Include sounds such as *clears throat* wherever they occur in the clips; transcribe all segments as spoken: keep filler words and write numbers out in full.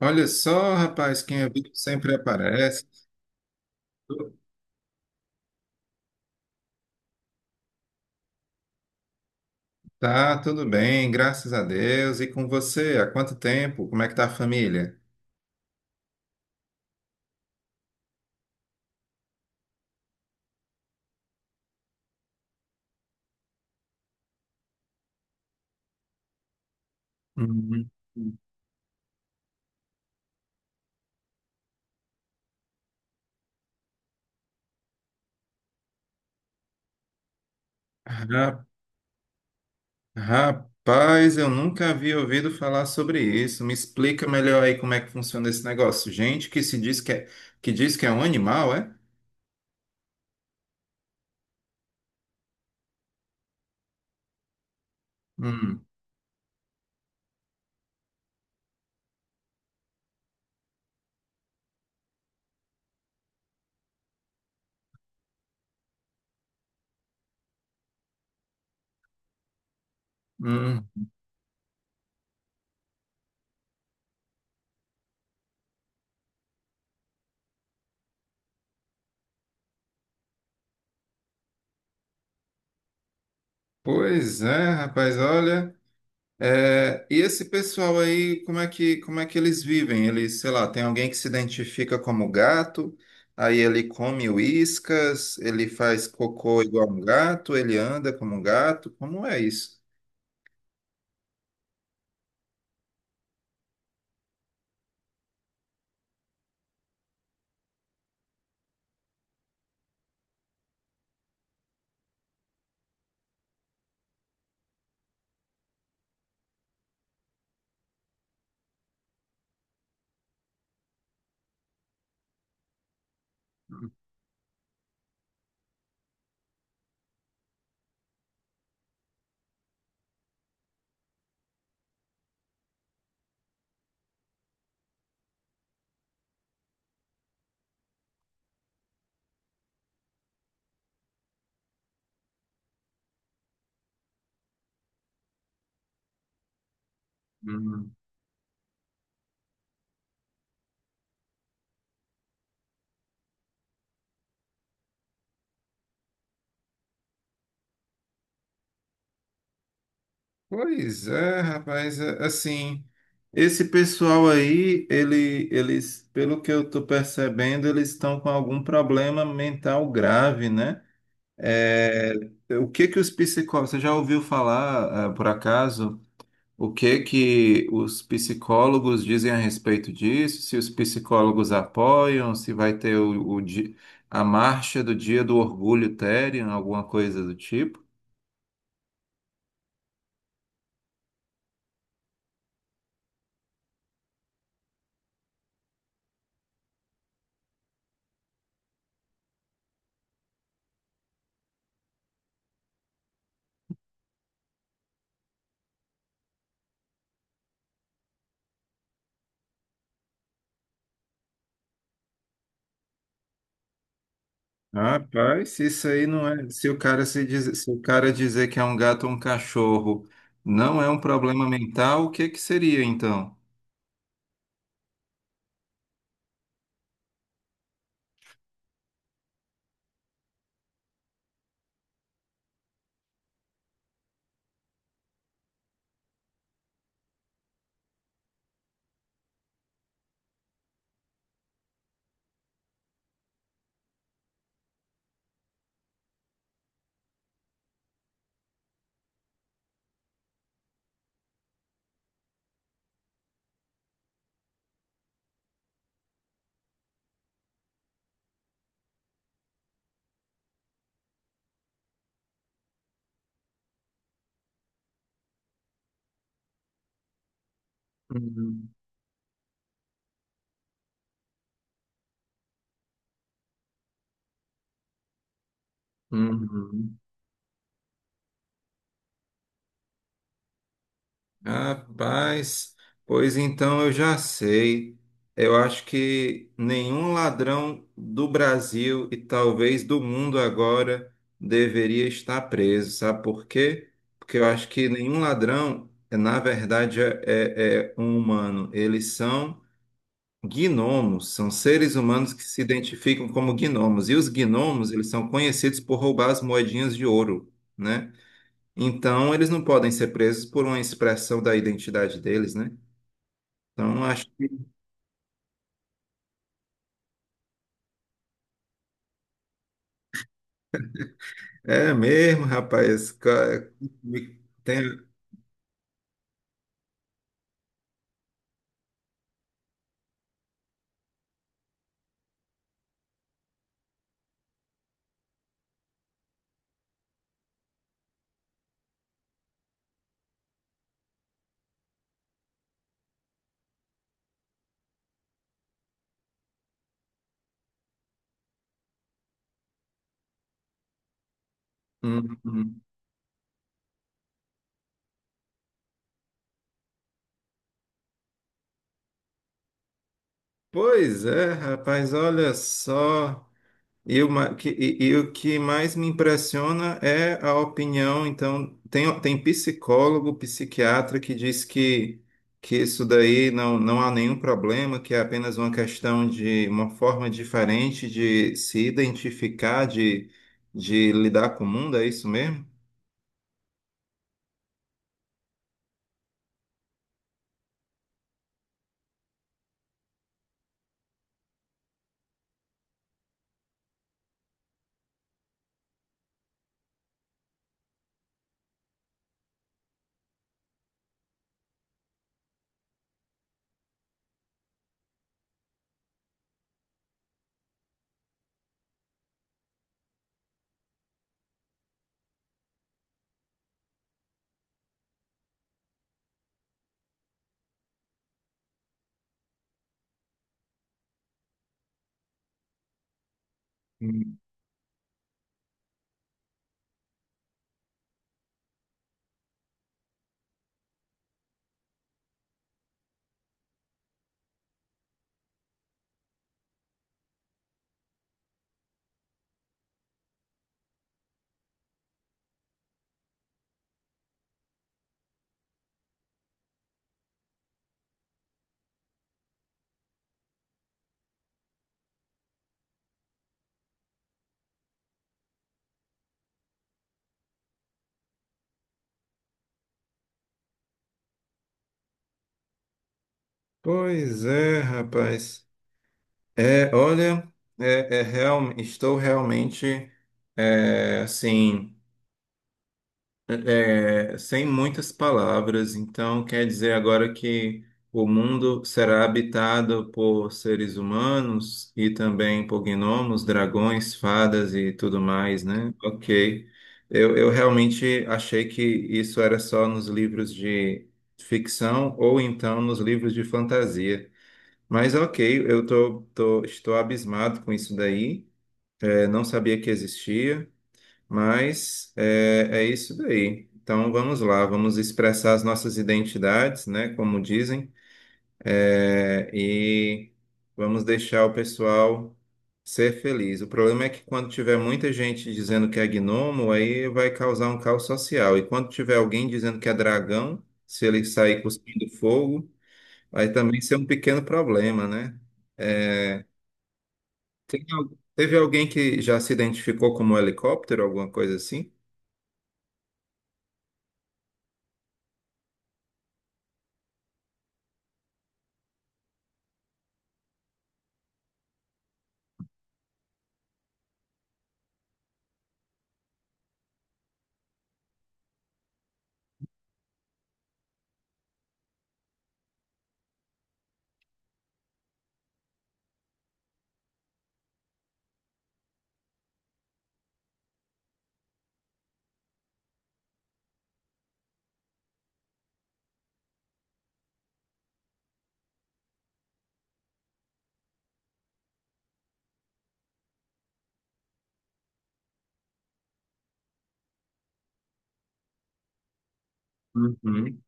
Olha só, rapaz, quem é vivo sempre aparece. Tá, tudo bem, graças a Deus. E com você? Há quanto tempo? Como é que tá a família? Uhum. Ra- Rapaz, eu nunca havia ouvido falar sobre isso. Me explica melhor aí como é que funciona esse negócio. Gente que se diz que é, que diz que é um animal, é? Hum, hum. Pois é, rapaz, olha. É, e esse pessoal aí, como é que, como é que eles vivem? Eles, sei lá, tem alguém que se identifica como gato, aí ele come uíscas, ele faz cocô igual um gato, ele anda como um gato, como é isso? Hum. Pois é, rapaz, é- assim, esse pessoal aí, ele, eles, pelo que eu tô percebendo, eles estão com algum problema mental grave, né? É, o que que os psicólogos, você já ouviu falar, eh, por acaso? O que que os psicólogos dizem a respeito disso? Se os psicólogos apoiam, se vai ter o, o di- a marcha do Dia do Orgulho Therian, alguma coisa do tipo? Rapaz, se isso aí não é. Se o cara se diz, se o cara dizer que é um gato ou um cachorro não é um problema mental, o que que seria então? Uhum, uhum. Rapaz, pois então eu já sei. Eu acho que nenhum ladrão do Brasil e talvez do mundo agora deveria estar preso. Sabe por quê? Porque eu acho que nenhum ladrão, é, na verdade, é, é é um humano. Eles são gnomos, são seres humanos que se identificam como gnomos. E os gnomos, eles são conhecidos por roubar as moedinhas de ouro, né? Então, eles não podem ser presos por uma expressão da identidade deles, né? Então, acho que é mesmo, rapaz. ca- Tem... Hum, hum. Pois é, rapaz, olha só. E o ma- que, e- e o que mais me impressiona é a opinião. Então, tem, tem psicólogo, psiquiatra que diz que, que isso daí não, não há nenhum problema, que é apenas uma questão de uma forma diferente de se identificar, de, de lidar com o mundo, é isso mesmo? Hum. Pois é, rapaz. É, olha, é, é real, estou realmente, é, assim. É, sem muitas palavras. Então quer dizer agora que o mundo será habitado por seres humanos e também por gnomos, dragões, fadas e tudo mais, né? Ok. Eu, eu realmente achei que isso era só nos livros de ficção ou então nos livros de fantasia. Mas ok, eu tô, tô- estou abismado com isso daí. É, não sabia que existia. Mas é, é isso daí. Então vamos lá, vamos expressar as nossas identidades, né? Como dizem, é, e vamos deixar o pessoal ser feliz. O problema é que quando tiver muita gente dizendo que é gnomo, aí vai causar um caos social. E quando tiver alguém dizendo que é dragão, se ele sair cuspindo fogo, vai também ser um pequeno problema, né? É, teve, al- teve alguém que já se identificou como helicóptero, alguma coisa assim? Uhum.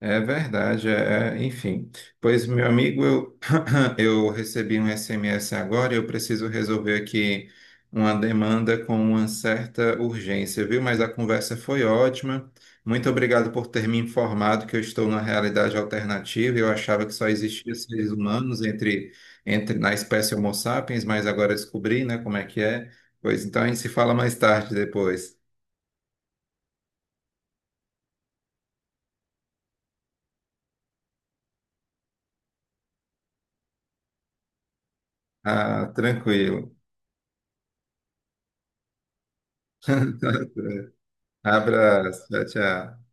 É verdade, é, é- enfim. Pois, meu amigo, eu, *clears throat* eu recebi um S M S agora e eu preciso resolver aqui uma demanda com uma certa urgência, viu? Mas a conversa foi ótima. Muito obrigado por ter me informado que eu estou numa realidade alternativa. Eu achava que só existiam seres humanos entre, entre na espécie Homo sapiens, mas agora descobri, né, como é que é. Pois então a gente se fala mais tarde depois. Ah, tranquilo. *laughs* Abraço, tchau, tchau.